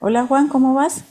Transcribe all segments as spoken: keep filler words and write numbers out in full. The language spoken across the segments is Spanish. Hola Juan, ¿cómo vas?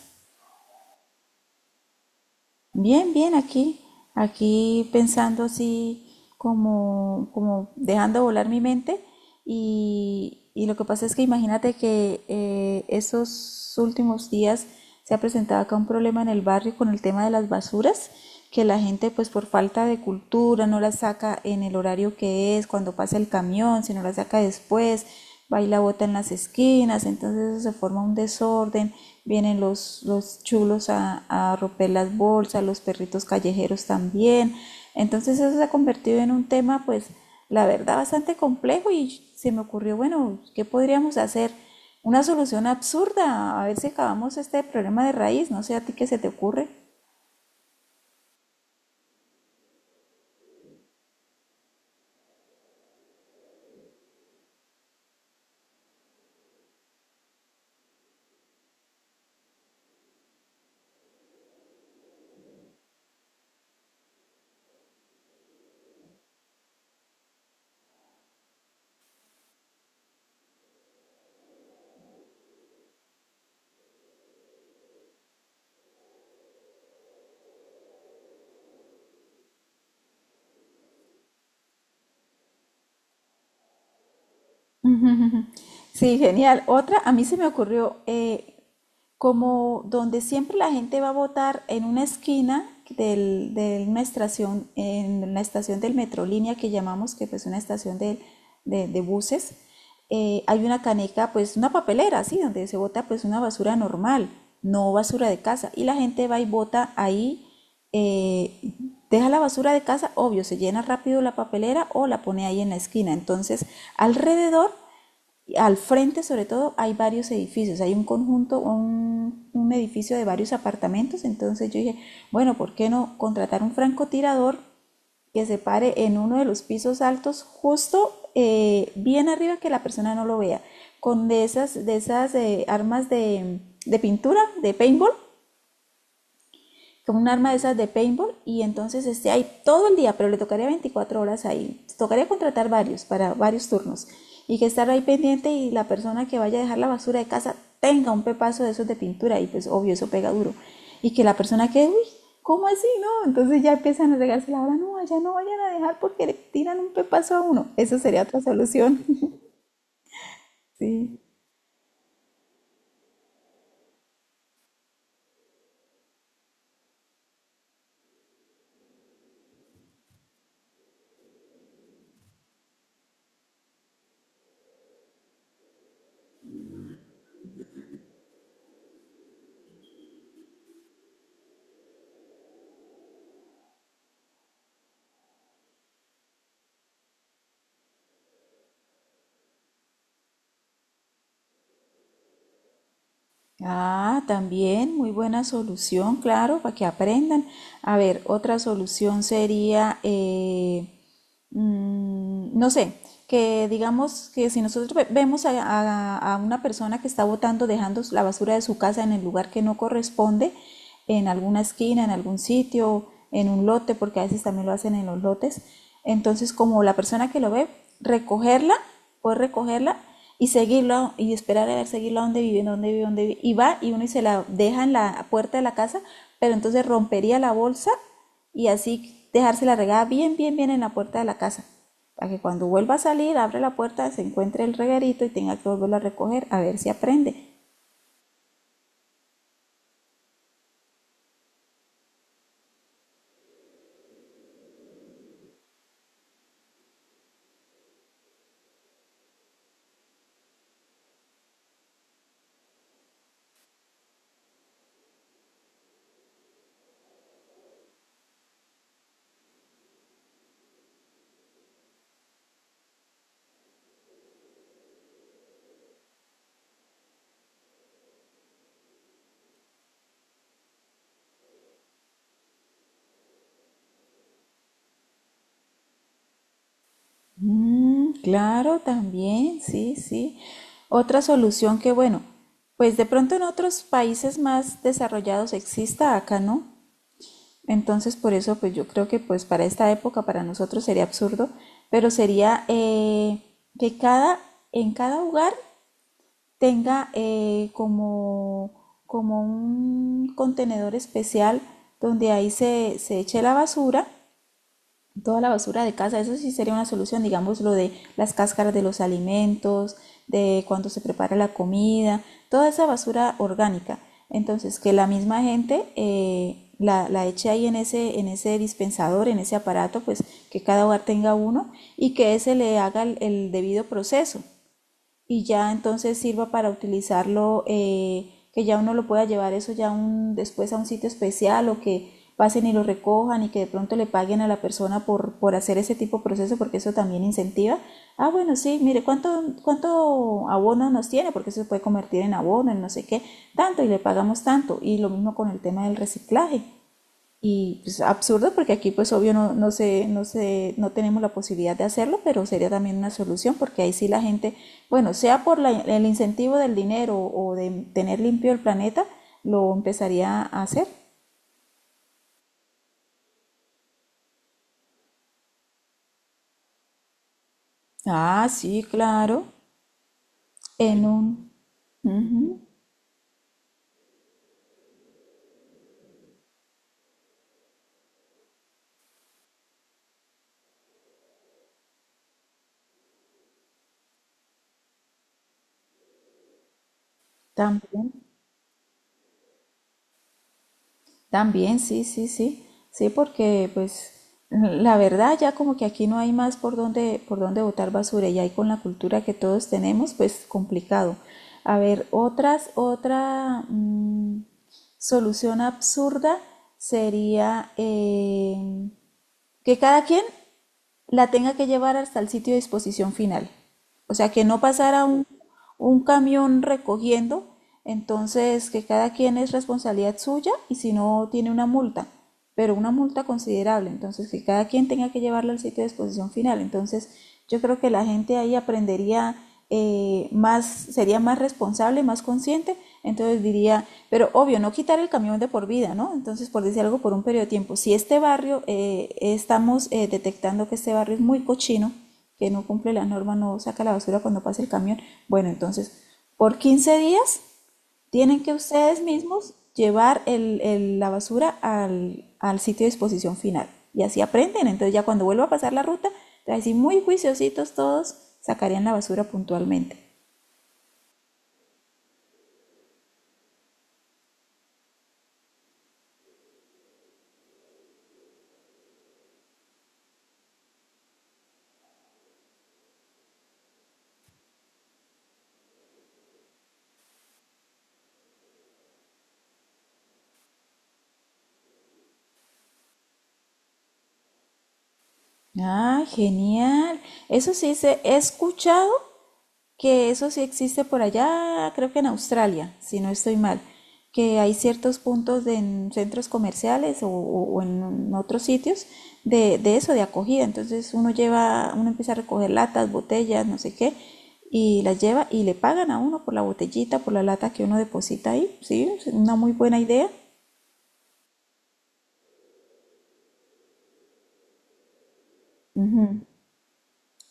Bien, bien, aquí, aquí pensando así como, como dejando volar mi mente y, y lo que pasa es que imagínate que eh, esos últimos días se ha presentado acá un problema en el barrio con el tema de las basuras, que la gente pues por falta de cultura no las saca en el horario que es, cuando pasa el camión, si no las saca después, va y la bota en las esquinas. Entonces eso se forma un desorden, vienen los, los chulos a, a romper las bolsas, los perritos callejeros también. Entonces eso se ha convertido en un tema, pues, la verdad, bastante complejo, y se me ocurrió, bueno, ¿qué podríamos hacer? Una solución absurda, a ver si acabamos este problema de raíz. No sé a ti qué se te ocurre. Sí, genial. Otra, a mí se me ocurrió eh, como donde siempre la gente va a votar en una esquina del, de una estación, en la estación del Metrolínea que llamamos, que pues una estación de, de- de buses. eh, hay una caneca, pues una papelera, sí, donde se vota pues una basura normal, no basura de casa. Y la gente va y vota ahí, eh, deja la basura de casa, obvio, se llena rápido la papelera o la pone ahí en la esquina. Entonces, alrededor al frente, sobre todo, hay varios edificios, hay un conjunto, un, un edificio de varios apartamentos, entonces yo dije, bueno, ¿por qué no contratar un francotirador que se pare en uno de los pisos altos, justo eh, bien arriba que la persona no lo vea, con de esas, de esas eh, armas de, de pintura, de paintball, con un arma de esas de paintball, y entonces esté ahí todo el día, pero le tocaría veinticuatro horas ahí. Tocaría contratar varios para varios turnos, y que estar ahí pendiente, y la persona que vaya a dejar la basura de casa tenga un pepazo de esos de pintura y pues obvio eso pega duro. Y que la persona que, uy, ¿cómo así? No, entonces ya empiezan a regarse la hora, no, allá no vayan a dejar porque le tiran un pepazo a uno. Esa sería otra solución. Sí. Ah, también, muy buena solución, claro, para que aprendan. A ver, otra solución sería, eh, Mm, no sé, que digamos que si nosotros ve- vemos a, a- a una persona que está botando, dejando la basura de su casa en el lugar que no corresponde, en alguna esquina, en algún sitio, en un lote, porque a veces también lo hacen en los lotes, entonces como la persona que lo ve, recogerla, puede recogerla y seguirlo y esperar a ver, seguirlo a donde vive, dónde vive, dónde vive, y va y uno y se la deja en la puerta de la casa, pero entonces rompería la bolsa y así dejarse la regada bien, bien, bien en la puerta de la casa, para que cuando vuelva a salir, abre la puerta, se encuentre el reguerito y tenga que volverlo a recoger a ver si aprende. Mm, claro, también, sí, sí. Otra solución que, bueno, pues de pronto en otros países más desarrollados exista, acá no. Entonces, por eso, pues yo creo que pues para esta época, para nosotros sería absurdo, pero sería eh, que cada, en cada hogar tenga eh, como, como un contenedor especial donde ahí se, se eche la basura, toda la basura de casa. Eso sí sería una solución, digamos, lo de las cáscaras de los alimentos, de cuando se prepara la comida, toda esa basura orgánica. Entonces, que la misma gente eh, la, la eche ahí en ese, en ese dispensador, en ese aparato, pues que cada hogar tenga uno, y que ese le haga el, el debido proceso, y ya entonces sirva para utilizarlo, eh, que ya uno lo pueda llevar eso ya un, después a un sitio especial, o que pasen y lo recojan, y que de pronto le paguen a la persona por, por hacer ese tipo de proceso, porque eso también incentiva. Ah, bueno, sí, mire, ¿cuánto, cuánto abono nos tiene? Porque eso se puede convertir en abono, en no sé qué, tanto y le pagamos tanto. Y lo mismo con el tema del reciclaje. Y pues, absurdo, porque aquí pues obvio no, no sé no sé no tenemos la posibilidad de hacerlo, pero sería también una solución porque ahí sí la gente, bueno, sea por la- el incentivo del dinero o de tener limpio el planeta, lo empezaría a hacer. Ah, sí, claro, en un... ujú, también. También, sí, sí, sí. Sí, porque pues la verdad ya como que aquí no hay más por dónde, por dónde botar basura, y ahí con la cultura que todos tenemos, pues complicado. A ver, otras, otra mm, solución absurda sería eh, que cada quien la tenga que llevar hasta el sitio de disposición final. O sea, que no pasara un, un camión recogiendo, entonces que cada quien es responsabilidad suya y si no tiene una multa, pero una multa considerable, entonces que cada quien tenga que llevarla al sitio de disposición final. Entonces yo creo que la gente ahí aprendería, eh, más, sería más responsable, más consciente, entonces diría, pero obvio, no quitar el camión de por vida, ¿no? Entonces, por decir algo, por un periodo de tiempo. Si este barrio, eh, estamos eh, detectando que este barrio es muy cochino, que no cumple la norma, no saca la basura cuando pasa el camión, bueno, entonces, por quince días tienen que ustedes mismos llevar el, el- la basura al, al sitio de disposición final. Y así aprenden. Entonces, ya cuando vuelva a pasar la ruta, así muy juiciositos todos sacarían la basura puntualmente. Ah, genial. Eso sí se he escuchado que eso sí existe por allá, creo que en Australia, si no estoy mal, que hay ciertos puntos de- en centros comerciales o, o- o en otros sitios de, de eso, de acogida. Entonces uno lleva, uno empieza a recoger latas, botellas, no sé qué, y las lleva y le pagan a uno por la botellita, por la lata que uno deposita ahí. Sí, es una muy buena idea.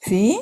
Sí.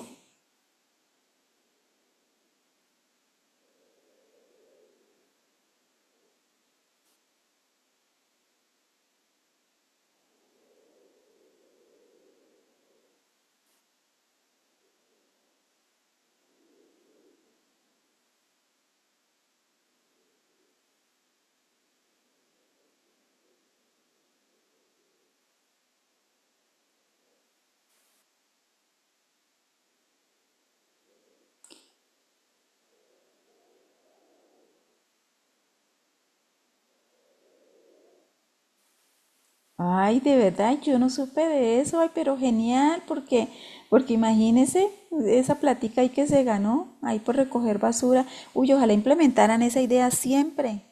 Ay, de verdad, yo no supe de eso, ay, pero genial, porque, porque imagínese esa platica ahí que se ganó, ahí por recoger basura. Uy, ojalá implementaran esa idea siempre.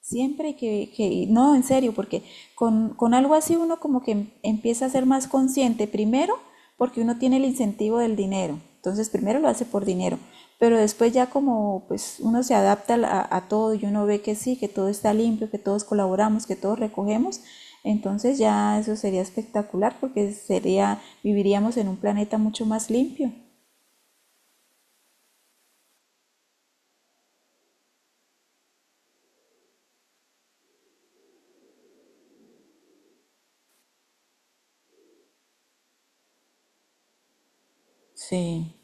Siempre que, que no, en serio, porque con, con algo así uno como que em- empieza a ser más consciente, primero porque uno tiene el incentivo del dinero, entonces primero lo hace por dinero, pero después ya como pues uno se adapta a, a todo, y uno ve que sí, que todo está limpio, que todos colaboramos, que todos recogemos, entonces ya eso sería espectacular porque sería, viviríamos en un planeta mucho más limpio. Sí.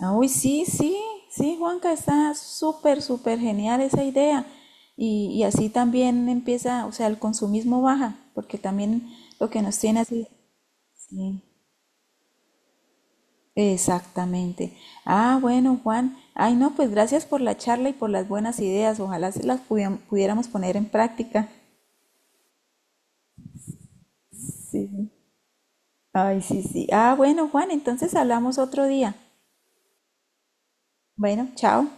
Ah, uy, sí, sí, sí, Juanca, está súper, súper genial esa idea. Y, y así también empieza, o sea, el consumismo baja, porque también lo que nos tiene así. Sí, exactamente. Ah, bueno, Juan. Ay, no, pues gracias por la charla y por las buenas ideas. Ojalá se las pudiam- pudiéramos poner en práctica. Sí. Sí. Ay, sí, sí. Ah, bueno, Juan, entonces hablamos otro día. Bueno, chao.